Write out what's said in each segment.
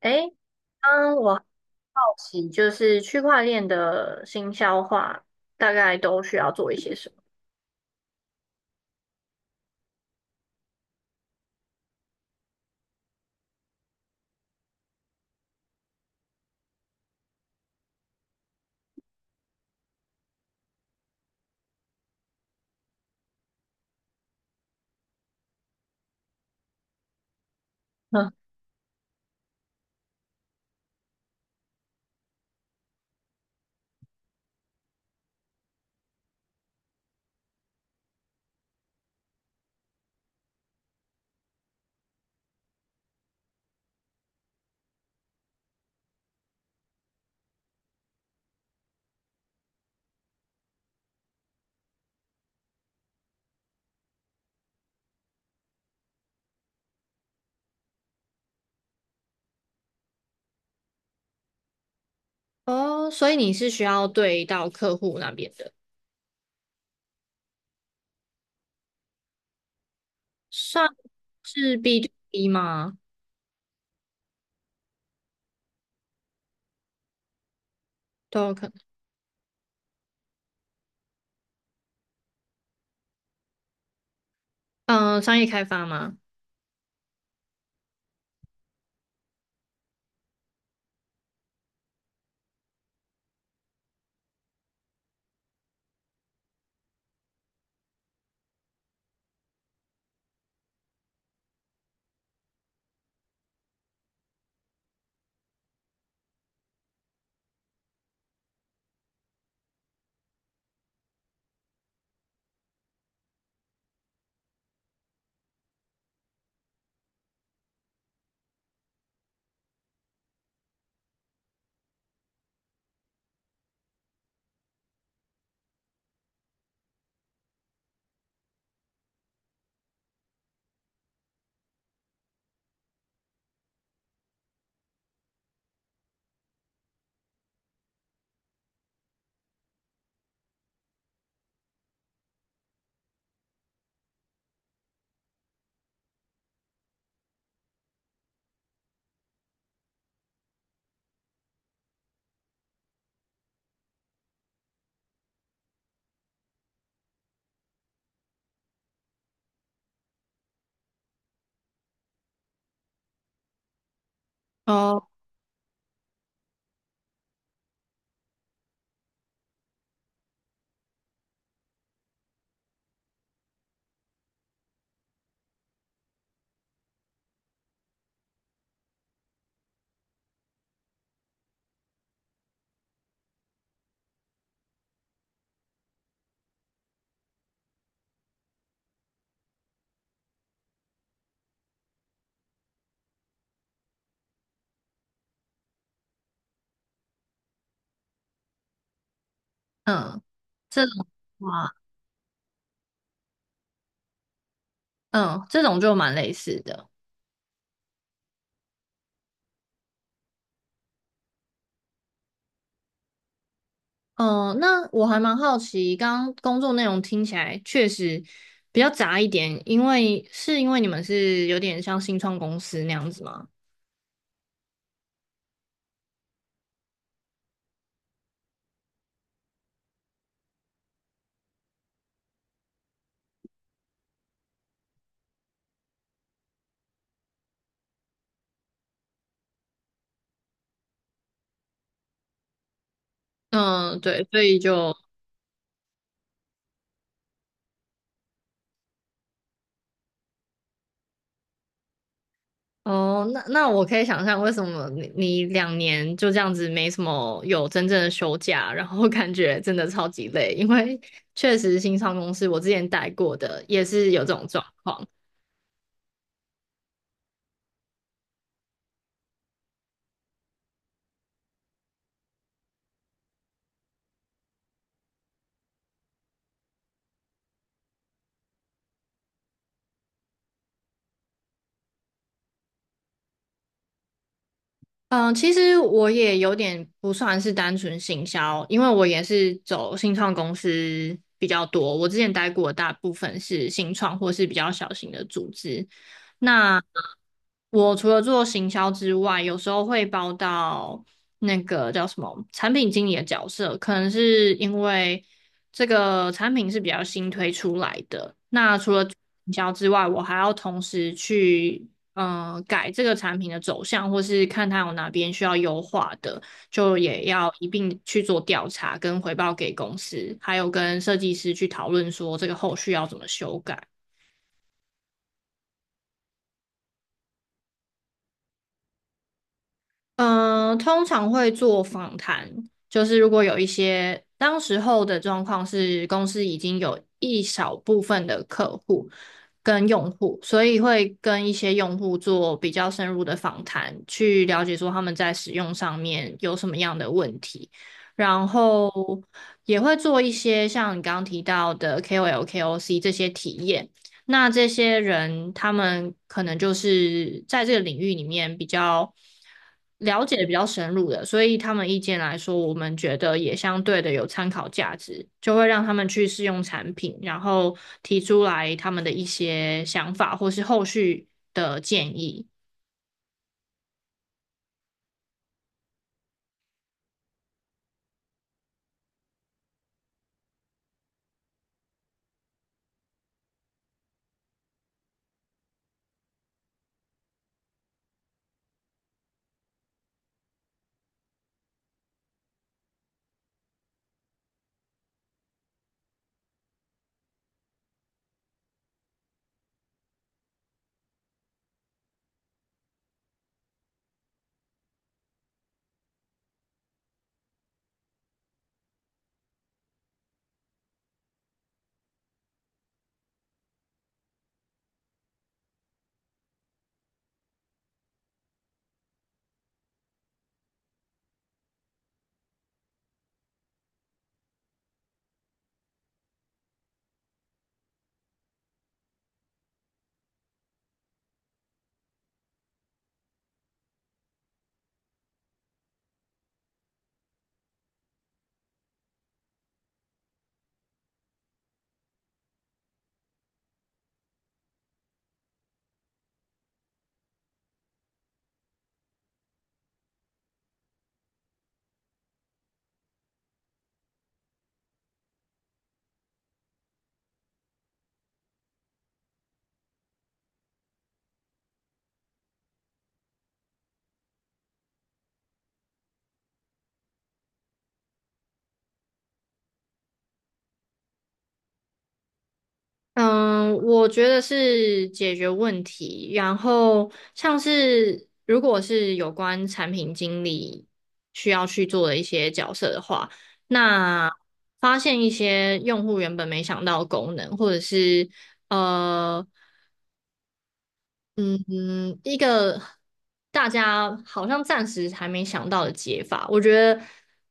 诶，刚我好奇，就是区块链的新消化大概都需要做一些什么？嗯，哦，所以你是需要对到客户那边的，算是 B to B 吗？都有可能，嗯、商业开发吗？哦，嗯，这种哇，嗯，这种就蛮类似的。嗯、那我还蛮好奇，刚刚工作内容听起来确实比较杂一点，因为是因为你们是有点像新创公司那样子吗？嗯，对，所以就哦，那那我可以想象为什么你两年就这样子没什么有真正的休假，然后感觉真的超级累，因为确实新创公司我之前待过的也是有这种状况。嗯，其实我也有点不算是单纯行销，因为我也是走新创公司比较多。我之前待过的大部分是新创或是比较小型的组织。那我除了做行销之外，有时候会包到那个叫什么产品经理的角色，可能是因为这个产品是比较新推出来的。那除了行销之外，我还要同时去。改这个产品的走向，或是看它有哪边需要优化的，就也要一并去做调查跟回报给公司，还有跟设计师去讨论说这个后续要怎么修改。嗯，通常会做访谈，就是如果有一些当时候的状况是公司已经有一小部分的客户跟用户，所以会跟一些用户做比较深入的访谈，去了解说他们在使用上面有什么样的问题，然后也会做一些像你刚刚提到的 KOL、KOC 这些体验。那这些人，他们可能就是在这个领域里面比较了解比较深入的，所以他们意见来说，我们觉得也相对的有参考价值，就会让他们去试用产品，然后提出来他们的一些想法或是后续的建议。嗯，我觉得是解决问题。然后像是如果是有关产品经理需要去做的一些角色的话，那发现一些用户原本没想到的功能，或者是呃嗯一个大家好像暂时还没想到的解法，我觉得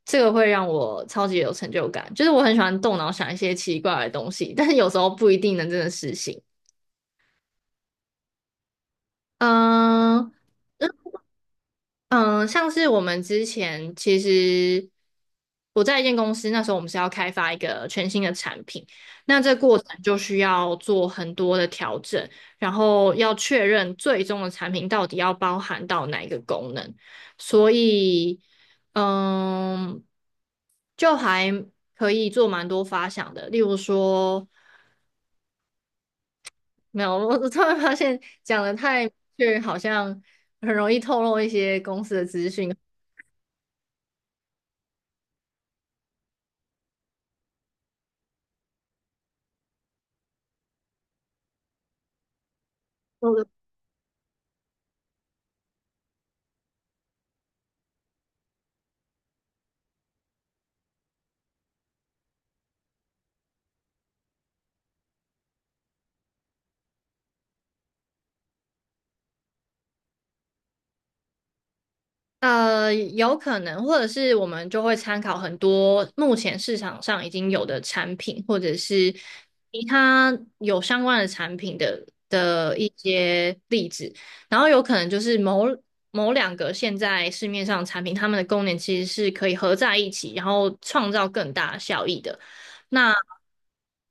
这个会让我超级有成就感。就是我很喜欢动脑想一些奇怪的东西，但是有时候不一定能真的实行。嗯嗯，嗯，像是我们之前其实我在一间公司，那时候我们是要开发一个全新的产品，那这过程就需要做很多的调整，然后要确认最终的产品到底要包含到哪一个功能，所以嗯，就还可以做蛮多发想的，例如说。没有，我突然发现讲的太明确，好像很容易透露一些公司的资讯。我有可能，或者是我们就会参考很多目前市场上已经有的产品，或者是其他有相关的产品的一些例子，然后有可能就是某两个现在市面上的产品，它们的功能其实是可以合在一起，然后创造更大的效益的。那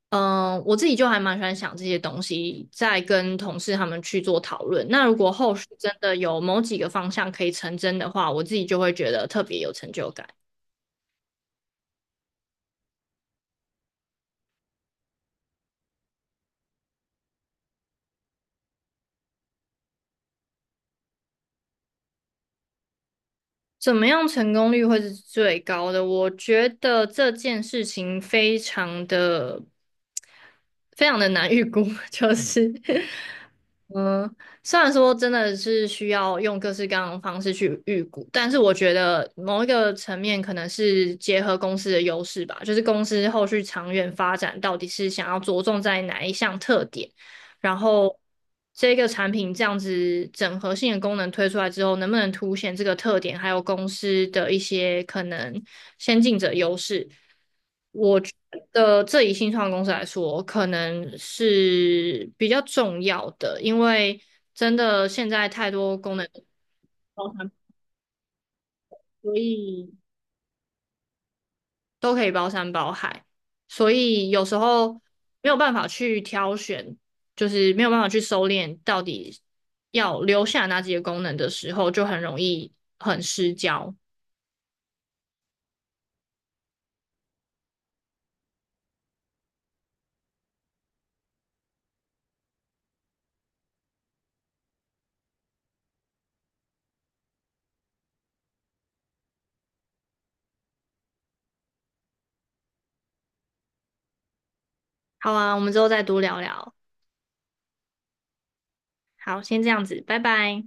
我自己就还蛮喜欢想这些东西，再跟同事他们去做讨论。那如果后续真的有某几个方向可以成真的话，我自己就会觉得特别有成就感。怎么样成功率会是最高的？我觉得这件事情非常的难预估，就嗯是，嗯，虽然说真的是需要用各式各样的方式去预估，但是我觉得某一个层面可能是结合公司的优势吧，就是公司后续长远发展到底是想要着重在哪一项特点。然后这个产品这样子整合性的功能推出来之后，能不能凸显这个特点，还有公司的一些可能先进者优势？我觉得这以新创公司来说，可能是比较重要的，因为真的现在太多功能包含，所以。都可以包山包海，所以有时候没有办法去挑选，就是没有办法去收敛到底要留下哪几个功能的时候，就很容易很失焦。好啊，我们之后再多聊聊。好，先这样子，拜拜。